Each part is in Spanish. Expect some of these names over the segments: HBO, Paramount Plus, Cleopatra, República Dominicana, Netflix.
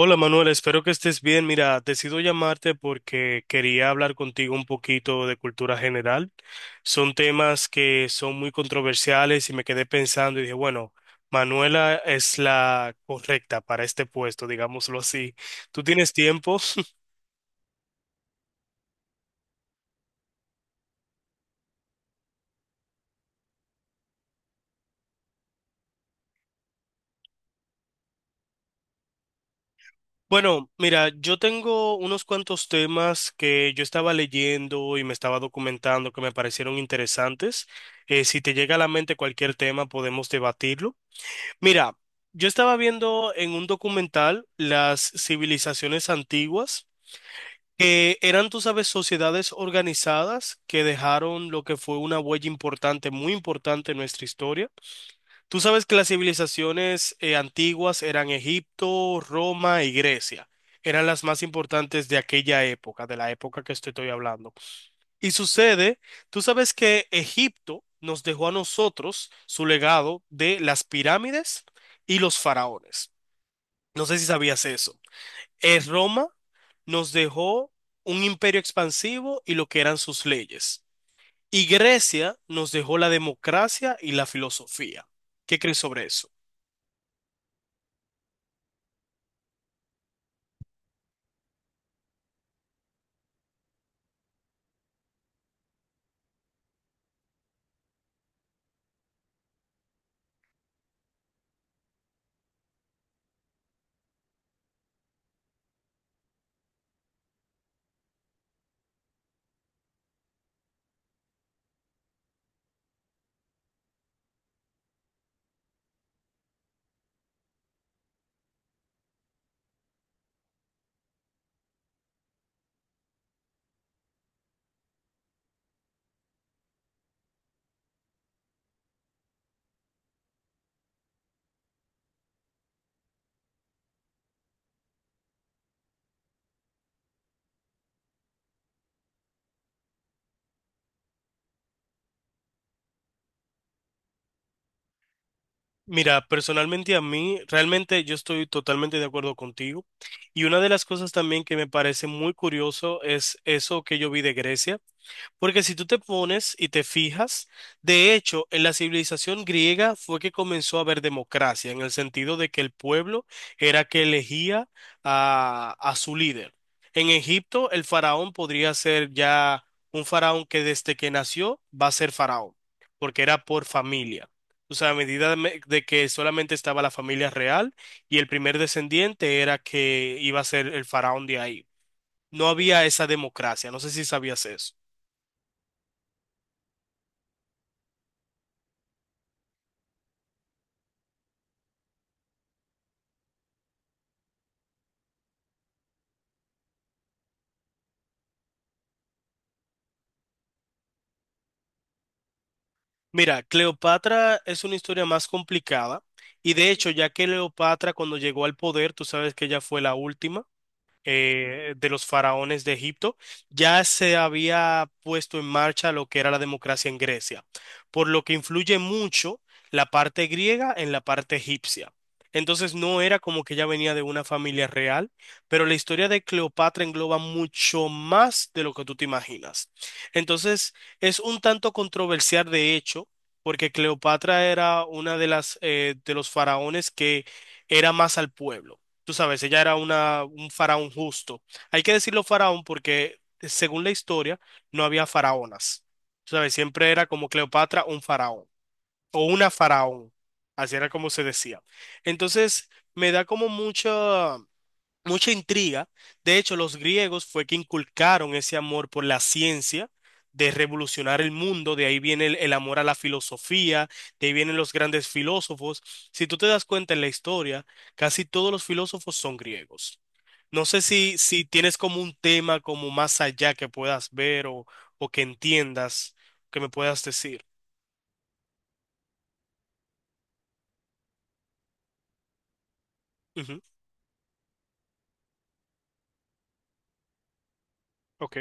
Hola Manuel, espero que estés bien. Mira, decido llamarte porque quería hablar contigo un poquito de cultura general. Son temas que son muy controversiales y me quedé pensando y dije, bueno, Manuela es la correcta para este puesto, digámoslo así. ¿Tú tienes tiempo? Bueno, mira, yo tengo unos cuantos temas que yo estaba leyendo y me estaba documentando que me parecieron interesantes. Si te llega a la mente cualquier tema, podemos debatirlo. Mira, yo estaba viendo en un documental las civilizaciones antiguas, que eran, tú sabes, sociedades organizadas que dejaron lo que fue una huella importante, muy importante en nuestra historia. Tú sabes que las civilizaciones antiguas eran Egipto, Roma y Grecia. Eran las más importantes de aquella época, de la época que estoy hablando. Y sucede, tú sabes que Egipto nos dejó a nosotros su legado de las pirámides y los faraones. No sé si sabías eso. Roma nos dejó un imperio expansivo y lo que eran sus leyes. Y Grecia nos dejó la democracia y la filosofía. ¿Qué crees sobre eso? Mira, personalmente a mí, realmente yo estoy totalmente de acuerdo contigo. Y una de las cosas también que me parece muy curioso es eso que yo vi de Grecia. Porque si tú te pones y te fijas, de hecho, en la civilización griega fue que comenzó a haber democracia, en el sentido de que el pueblo era que elegía a su líder. En Egipto, el faraón podría ser ya un faraón que desde que nació va a ser faraón, porque era por familia. O sea, a medida de de que solamente estaba la familia real y el primer descendiente era que iba a ser el faraón de ahí. No había esa democracia, no sé si sabías eso. Mira, Cleopatra es una historia más complicada y de hecho, ya que Cleopatra cuando llegó al poder, tú sabes que ella fue la última de los faraones de Egipto, ya se había puesto en marcha lo que era la democracia en Grecia, por lo que influye mucho la parte griega en la parte egipcia. Entonces no era como que ya venía de una familia real, pero la historia de Cleopatra engloba mucho más de lo que tú te imaginas. Entonces es un tanto controversial de hecho, porque Cleopatra era una de las de los faraones que era más al pueblo. Tú sabes, ella era una, un faraón justo. Hay que decirlo faraón porque, según la historia, no había faraonas. Tú sabes, siempre era como Cleopatra un faraón o una faraón. Así era como se decía. Entonces, me da como mucha mucha intriga. De hecho, los griegos fue que inculcaron ese amor por la ciencia, de revolucionar el mundo, de ahí viene el amor a la filosofía, de ahí vienen los grandes filósofos. Si tú te das cuenta en la historia, casi todos los filósofos son griegos. No sé si tienes como un tema como más allá que puedas ver o que entiendas, que me puedas decir. Ujú, ok.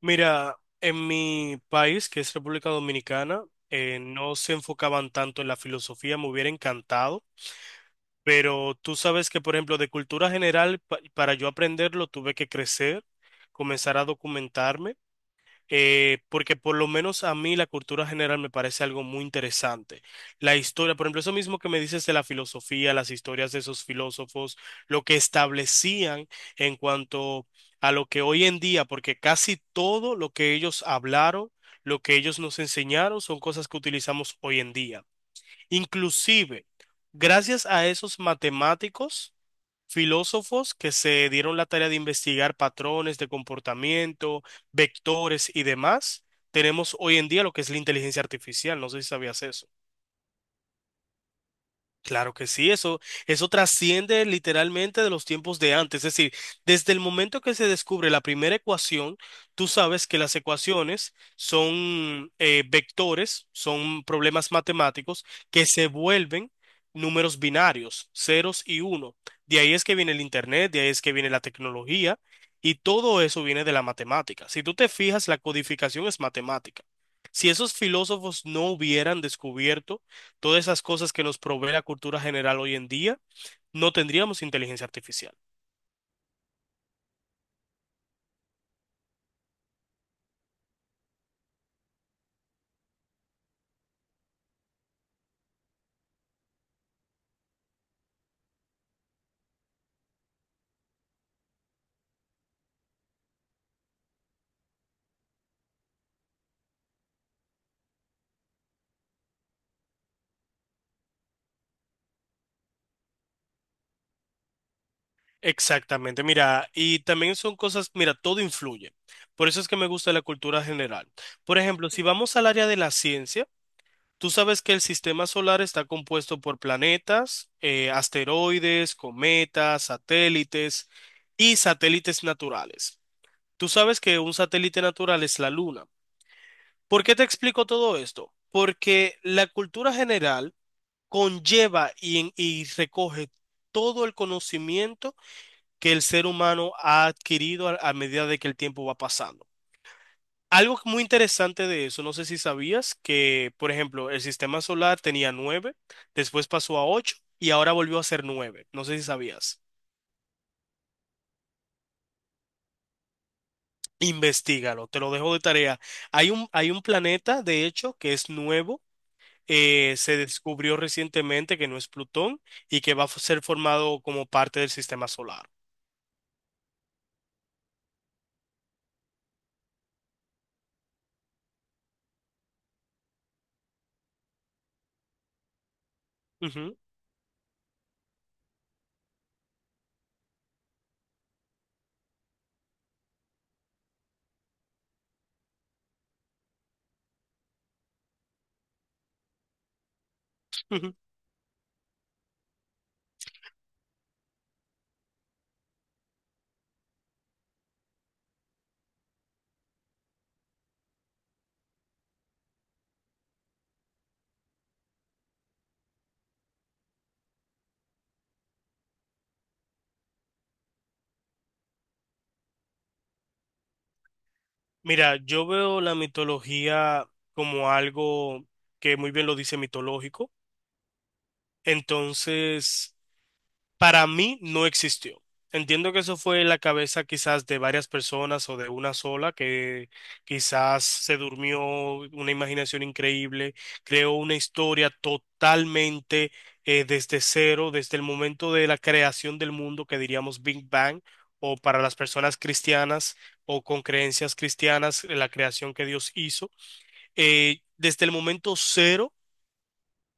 Mira, en mi país, que es República Dominicana, no se enfocaban tanto en la filosofía, me hubiera encantado, pero tú sabes que, por ejemplo, de cultura general, para yo aprenderlo, tuve que crecer, comenzar a documentarme porque por lo menos a mí la cultura general me parece algo muy interesante. La historia, por ejemplo, eso mismo que me dices de la filosofía, las historias de esos filósofos, lo que establecían en cuanto a lo que hoy en día, porque casi todo lo que ellos hablaron, lo que ellos nos enseñaron, son cosas que utilizamos hoy en día. Inclusive, gracias a esos matemáticos filósofos que se dieron la tarea de investigar patrones de comportamiento, vectores y demás, tenemos hoy en día lo que es la inteligencia artificial. No sé si sabías eso. Claro que sí, eso trasciende literalmente de los tiempos de antes. Es decir, desde el momento que se descubre la primera ecuación, tú sabes que las ecuaciones son vectores, son problemas matemáticos que se vuelven números binarios, ceros y uno. De ahí es que viene el internet, de ahí es que viene la tecnología y todo eso viene de la matemática. Si tú te fijas, la codificación es matemática. Si esos filósofos no hubieran descubierto todas esas cosas que nos provee la cultura general hoy en día, no tendríamos inteligencia artificial. Exactamente, mira, y también son cosas, mira, todo influye. Por eso es que me gusta la cultura general. Por ejemplo, si vamos al área de la ciencia, tú sabes que el sistema solar está compuesto por planetas, asteroides, cometas, satélites y satélites naturales. Tú sabes que un satélite natural es la Luna. ¿Por qué te explico todo esto? Porque la cultura general conlleva y recoge todo el conocimiento que el ser humano ha adquirido a medida de que el tiempo va pasando. Algo muy interesante de eso, no sé si sabías que, por ejemplo, el sistema solar tenía nueve, después pasó a ocho y ahora volvió a ser nueve. No sé si sabías. Investígalo, te lo dejo de tarea. Hay un planeta, de hecho, que es nuevo, se descubrió recientemente que no es Plutón y que va a ser formado como parte del sistema solar. Ujú, ujú. Mira, yo veo la mitología como algo que muy bien lo dice mitológico. Entonces, para mí no existió. Entiendo que eso fue en la cabeza quizás de varias personas o de una sola que quizás se durmió una imaginación increíble, creó una historia totalmente desde cero, desde el momento de la creación del mundo que diríamos Big Bang o para las personas cristianas o con creencias cristianas, la creación que Dios hizo, desde el momento cero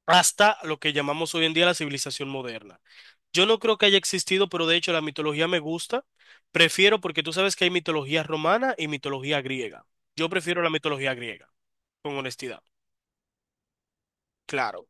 hasta lo que llamamos hoy en día la civilización moderna. Yo no creo que haya existido, pero de hecho la mitología me gusta. Prefiero porque tú sabes que hay mitología romana y mitología griega. Yo prefiero la mitología griega, con honestidad. Claro.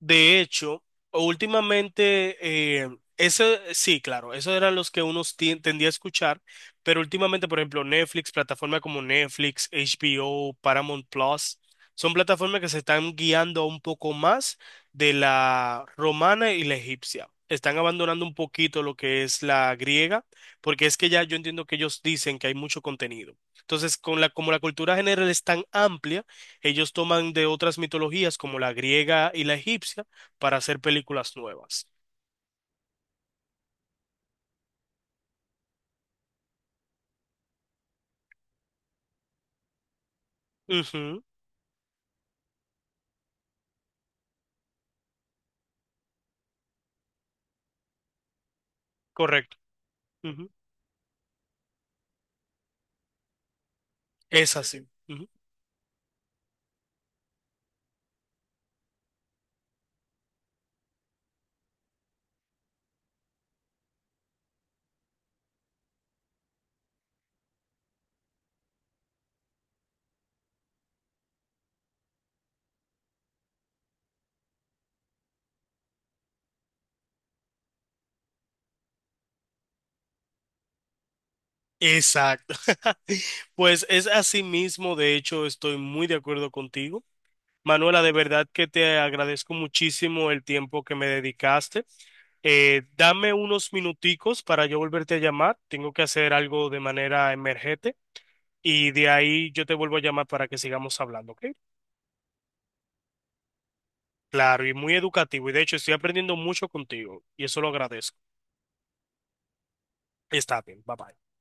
De hecho, últimamente, eh, sí, claro, esos eran los que uno tendía a escuchar, pero últimamente, por ejemplo, Netflix, plataformas como Netflix, HBO, Paramount Plus, son plataformas que se están guiando un poco más de la romana y la egipcia. Están abandonando un poquito lo que es la griega, porque es que ya yo entiendo que ellos dicen que hay mucho contenido. Entonces, con la, como la cultura general es tan amplia, ellos toman de otras mitologías como la griega y la egipcia para hacer películas nuevas. Ujú, correcto. Ujú, es así. Ujú, exacto. Pues es así mismo, de hecho, estoy muy de acuerdo contigo. Manuela, de verdad que te agradezco muchísimo el tiempo que me dedicaste. Dame unos minuticos para yo volverte a llamar. Tengo que hacer algo de manera emergente y de ahí yo te vuelvo a llamar para que sigamos hablando, ¿ok? Claro, y muy educativo. Y de hecho, estoy aprendiendo mucho contigo. Y eso lo agradezco. Está bien, bye bye.